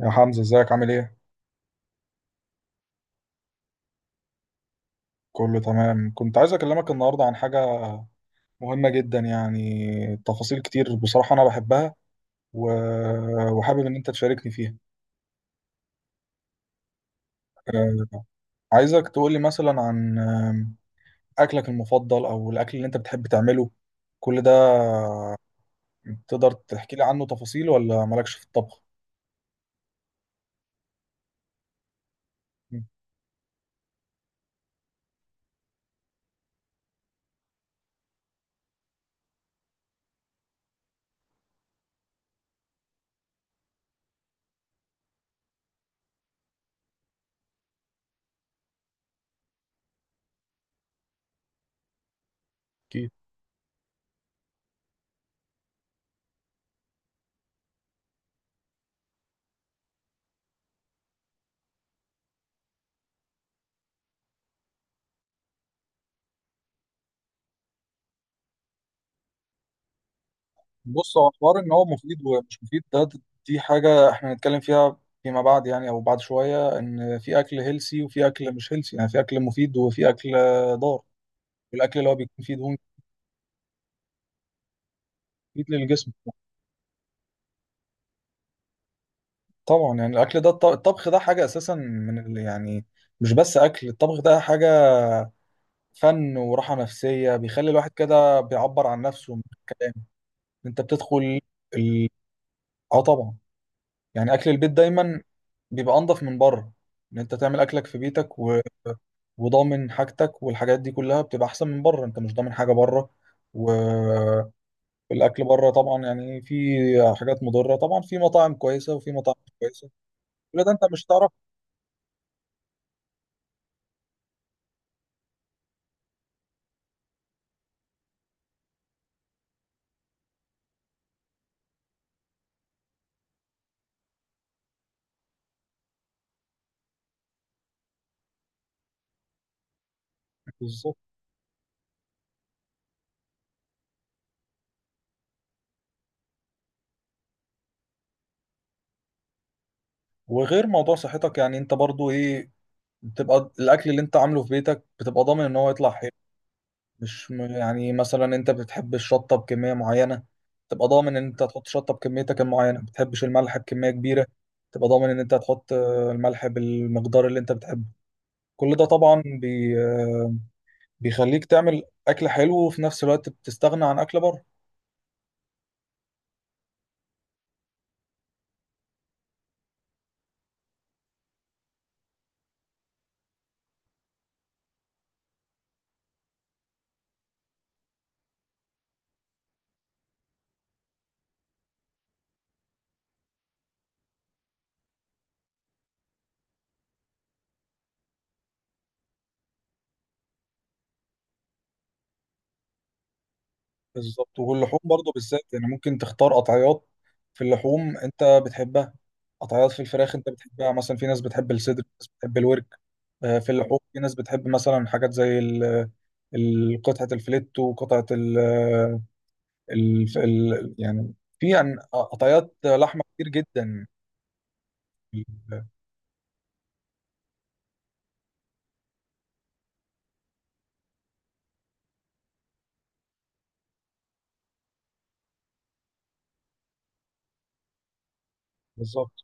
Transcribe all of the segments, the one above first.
يا حمزة، ازيك عامل ايه؟ كله تمام. كنت عايز اكلمك النهاردة عن حاجة مهمة جدا، يعني تفاصيل كتير، بصراحة انا بحبها و... وحابب ان انت تشاركني فيها. آه، عايزك تقولي مثلا عن اكلك المفضل او الاكل اللي انت بتحب تعمله، كل ده تقدر تحكي لي عنه تفاصيل ولا مالكش في الطبخ؟ بص، هو حوار ان هو مفيد ومش مفيد ده، دي حاجه احنا هنتكلم فيها فيما بعد، يعني او بعد شويه. ان في اكل هيلسي وفي اكل مش هيلسي، يعني في اكل مفيد وفي اكل ضار. الاكل اللي هو بيكون فيه دهون مفيد للجسم. طبعا يعني الاكل ده الطبخ ده حاجه اساسا من يعني، مش بس اكل. الطبخ ده حاجه فن وراحه نفسيه، بيخلي الواحد كده بيعبر عن نفسه من الكلام. انت بتدخل ال... اه طبعا. يعني اكل البيت دايما بيبقى انضف من بره، ان انت تعمل اكلك في بيتك وضامن حاجتك، والحاجات دي كلها بتبقى احسن من بره. انت مش ضامن حاجه بره. والاكل بره طبعا يعني في حاجات مضره. طبعا في مطاعم كويسه وفي مطاعم مش كويسه، كل ده انت مش تعرف. بالظبط. وغير موضوع صحتك، يعني انت برضو ايه، بتبقى الاكل اللي انت عامله في بيتك بتبقى ضامن ان هو يطلع حلو، مش يعني مثلا انت بتحب الشطه بكميه معينه، تبقى ضامن ان انت هتحط شطه بكميتك المعينه. ما بتحبش الملح بكميه كبيره، تبقى ضامن ان انت هتحط الملح بالمقدار اللي انت بتحبه. كل ده طبعا بي آه، بيخليك تعمل اكل حلو، وفي نفس الوقت بتستغنى عن اكل بره. بالظبط، واللحوم برضو بالذات، يعني ممكن تختار قطعيات في اللحوم انت بتحبها، قطعيات في الفراخ انت بتحبها. مثلا في ناس بتحب الصدر، في ناس بتحب الورك. في اللحوم في ناس بتحب مثلا حاجات زي قطعة الفليت، وقطعة يعني، في قطعيات لحمة كتير جدا. بالظبط.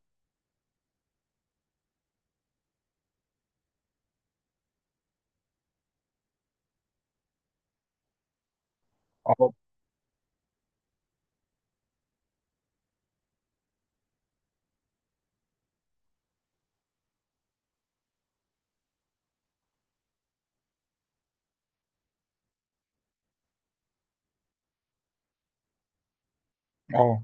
اه آه،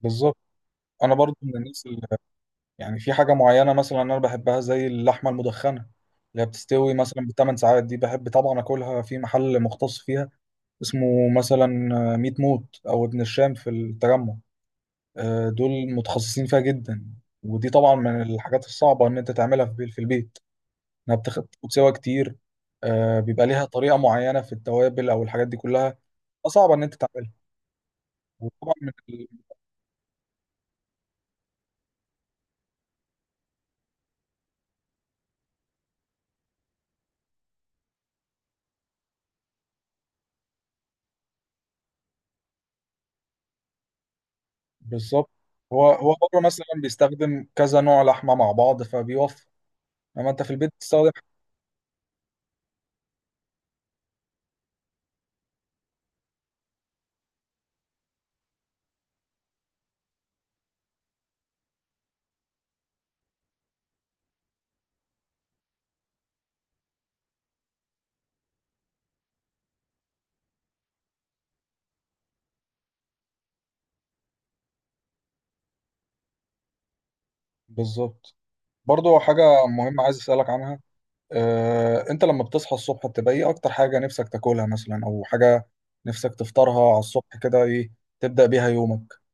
بالظبط، انا برضو من الناس، يعني في حاجة معينة مثلا أنا بحبها زي اللحمة المدخنة، اللي هي بتستوي مثلا ب 8 ساعات. دي بحب طبعا أكلها في محل مختص فيها، اسمه مثلا ميت موت أو ابن الشام في التجمع. دول متخصصين فيها جدا، ودي طبعا من الحاجات الصعبة إن أنت تعملها في في البيت. إنها بتاخد سوا كتير. بيبقى ليها طريقة معينة في التوابل أو الحاجات دي كلها، صعبة إن أنت تعملها. وطبعا بالظبط. هو بره مثلا بيستخدم كذا نوع لحمة مع بعض، فبيوفر. لما انت في البيت بتستخدم. بالظبط. برضو حاجة مهمة عايز اسألك عنها. اه، انت لما بتصحى الصبح، بتبقى ايه اكتر حاجة نفسك تاكلها مثلا، او حاجة نفسك تفطرها على الصبح كده، ايه تبدأ بيها يومك؟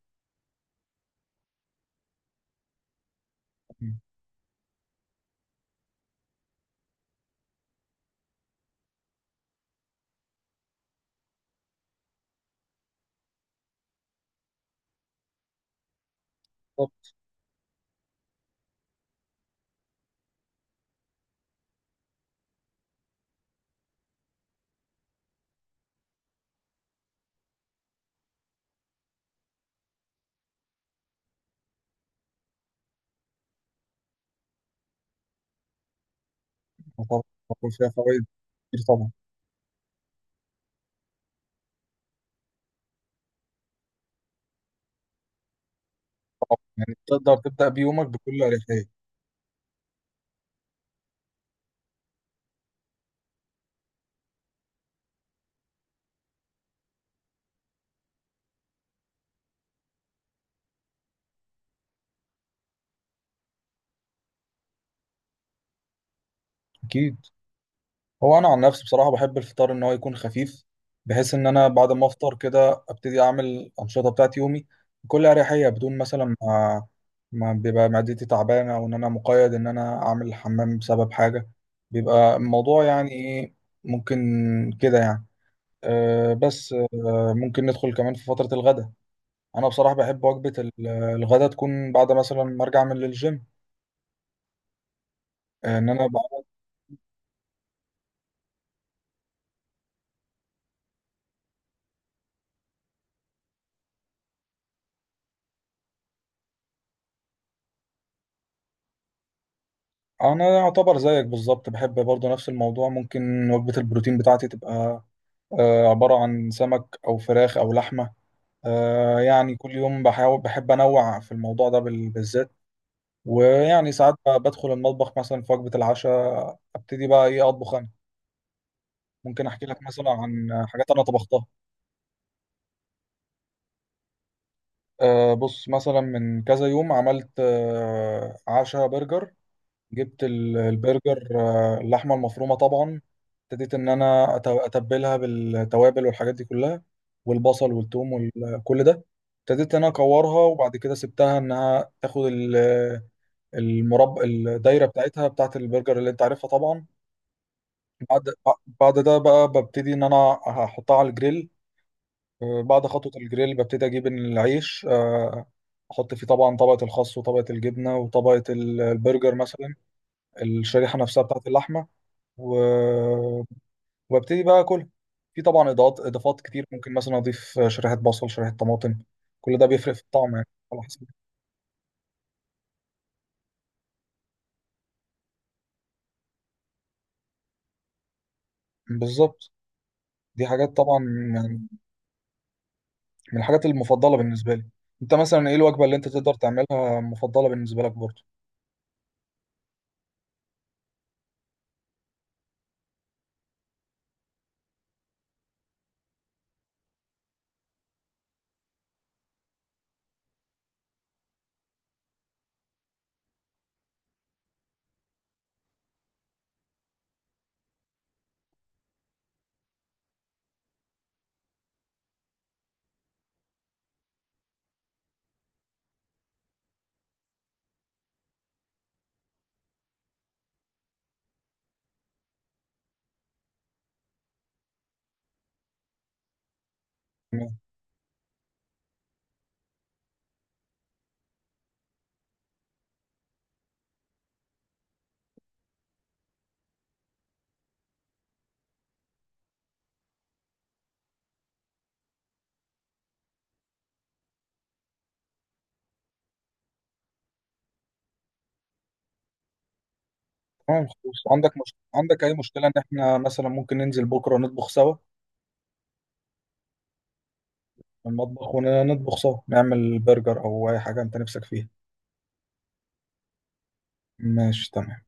بالظبط. طبعا باكل فيها فوائد كتير طبعا. طبعا يعني تقدر تبدأ بيومك بكل اريحية. اكيد. هو انا عن نفسي بصراحه بحب الفطار ان هو يكون خفيف، بحيث ان انا بعد ما افطر كده ابتدي اعمل الانشطه بتاعت يومي بكل اريحيه، بدون مثلا ما بيبقى معدتي تعبانه، او ان انا مقيد ان انا اعمل الحمام بسبب حاجه. بيبقى الموضوع يعني ايه، ممكن كده يعني. أه، بس ممكن ندخل كمان في فتره الغداء. انا بصراحه بحب وجبه الغداء تكون بعد مثلا ما ارجع من الجيم. آه، ان انا انا يعتبر زيك بالظبط، بحب برضه نفس الموضوع. ممكن وجبة البروتين بتاعتي تبقى عبارة عن سمك او فراخ او لحمة. يعني كل يوم بحاول، بحب انوع في الموضوع ده بالذات. ويعني ساعات بدخل المطبخ مثلا في وجبة العشاء، ابتدي بقى ايه اطبخ انا. ممكن احكي لك مثلا عن حاجات انا طبختها. بص، مثلا من كذا يوم عملت عشاء برجر. جبت البرجر، اللحمه المفرومه طبعا. ابتديت ان انا اتبلها بالتوابل والحاجات دي كلها، والبصل والثوم وكل ده. ابتديت ان انا اكورها، وبعد كده سبتها انها تاخد المربع الدايره بتاعتها بتاعت البرجر اللي انت عارفها طبعا. بعد بعد ده بقى ببتدي ان انا هحطها على الجريل. بعد خطوه الجريل ببتدي اجيب العيش. احط فيه طبعا طبقه الخس وطبقه الجبنه وطبقه البرجر مثلا، الشريحه نفسها بتاعت اللحمه. و... وابتدي بقى اكل. في طبعا اضافات كتير، ممكن مثلا اضيف شريحه بصل، شريحه طماطم. كل ده بيفرق في الطعم يعني. على حسب. بالظبط. دي حاجات طبعا، يعني من الحاجات المفضله بالنسبه لي. انت مثلا ايه الوجبه اللي انت تقدر تعملها مفضله بالنسبه لك برضه؟ تمام. تمام، خلاص. عندك مش... عندك اي مشكله ان احنا مثلا ممكن ننزل بكره نطبخ سوا في المطبخ، ونطبخ سوا نعمل برجر او اي حاجه انت نفسك فيها؟ ماشي تمام.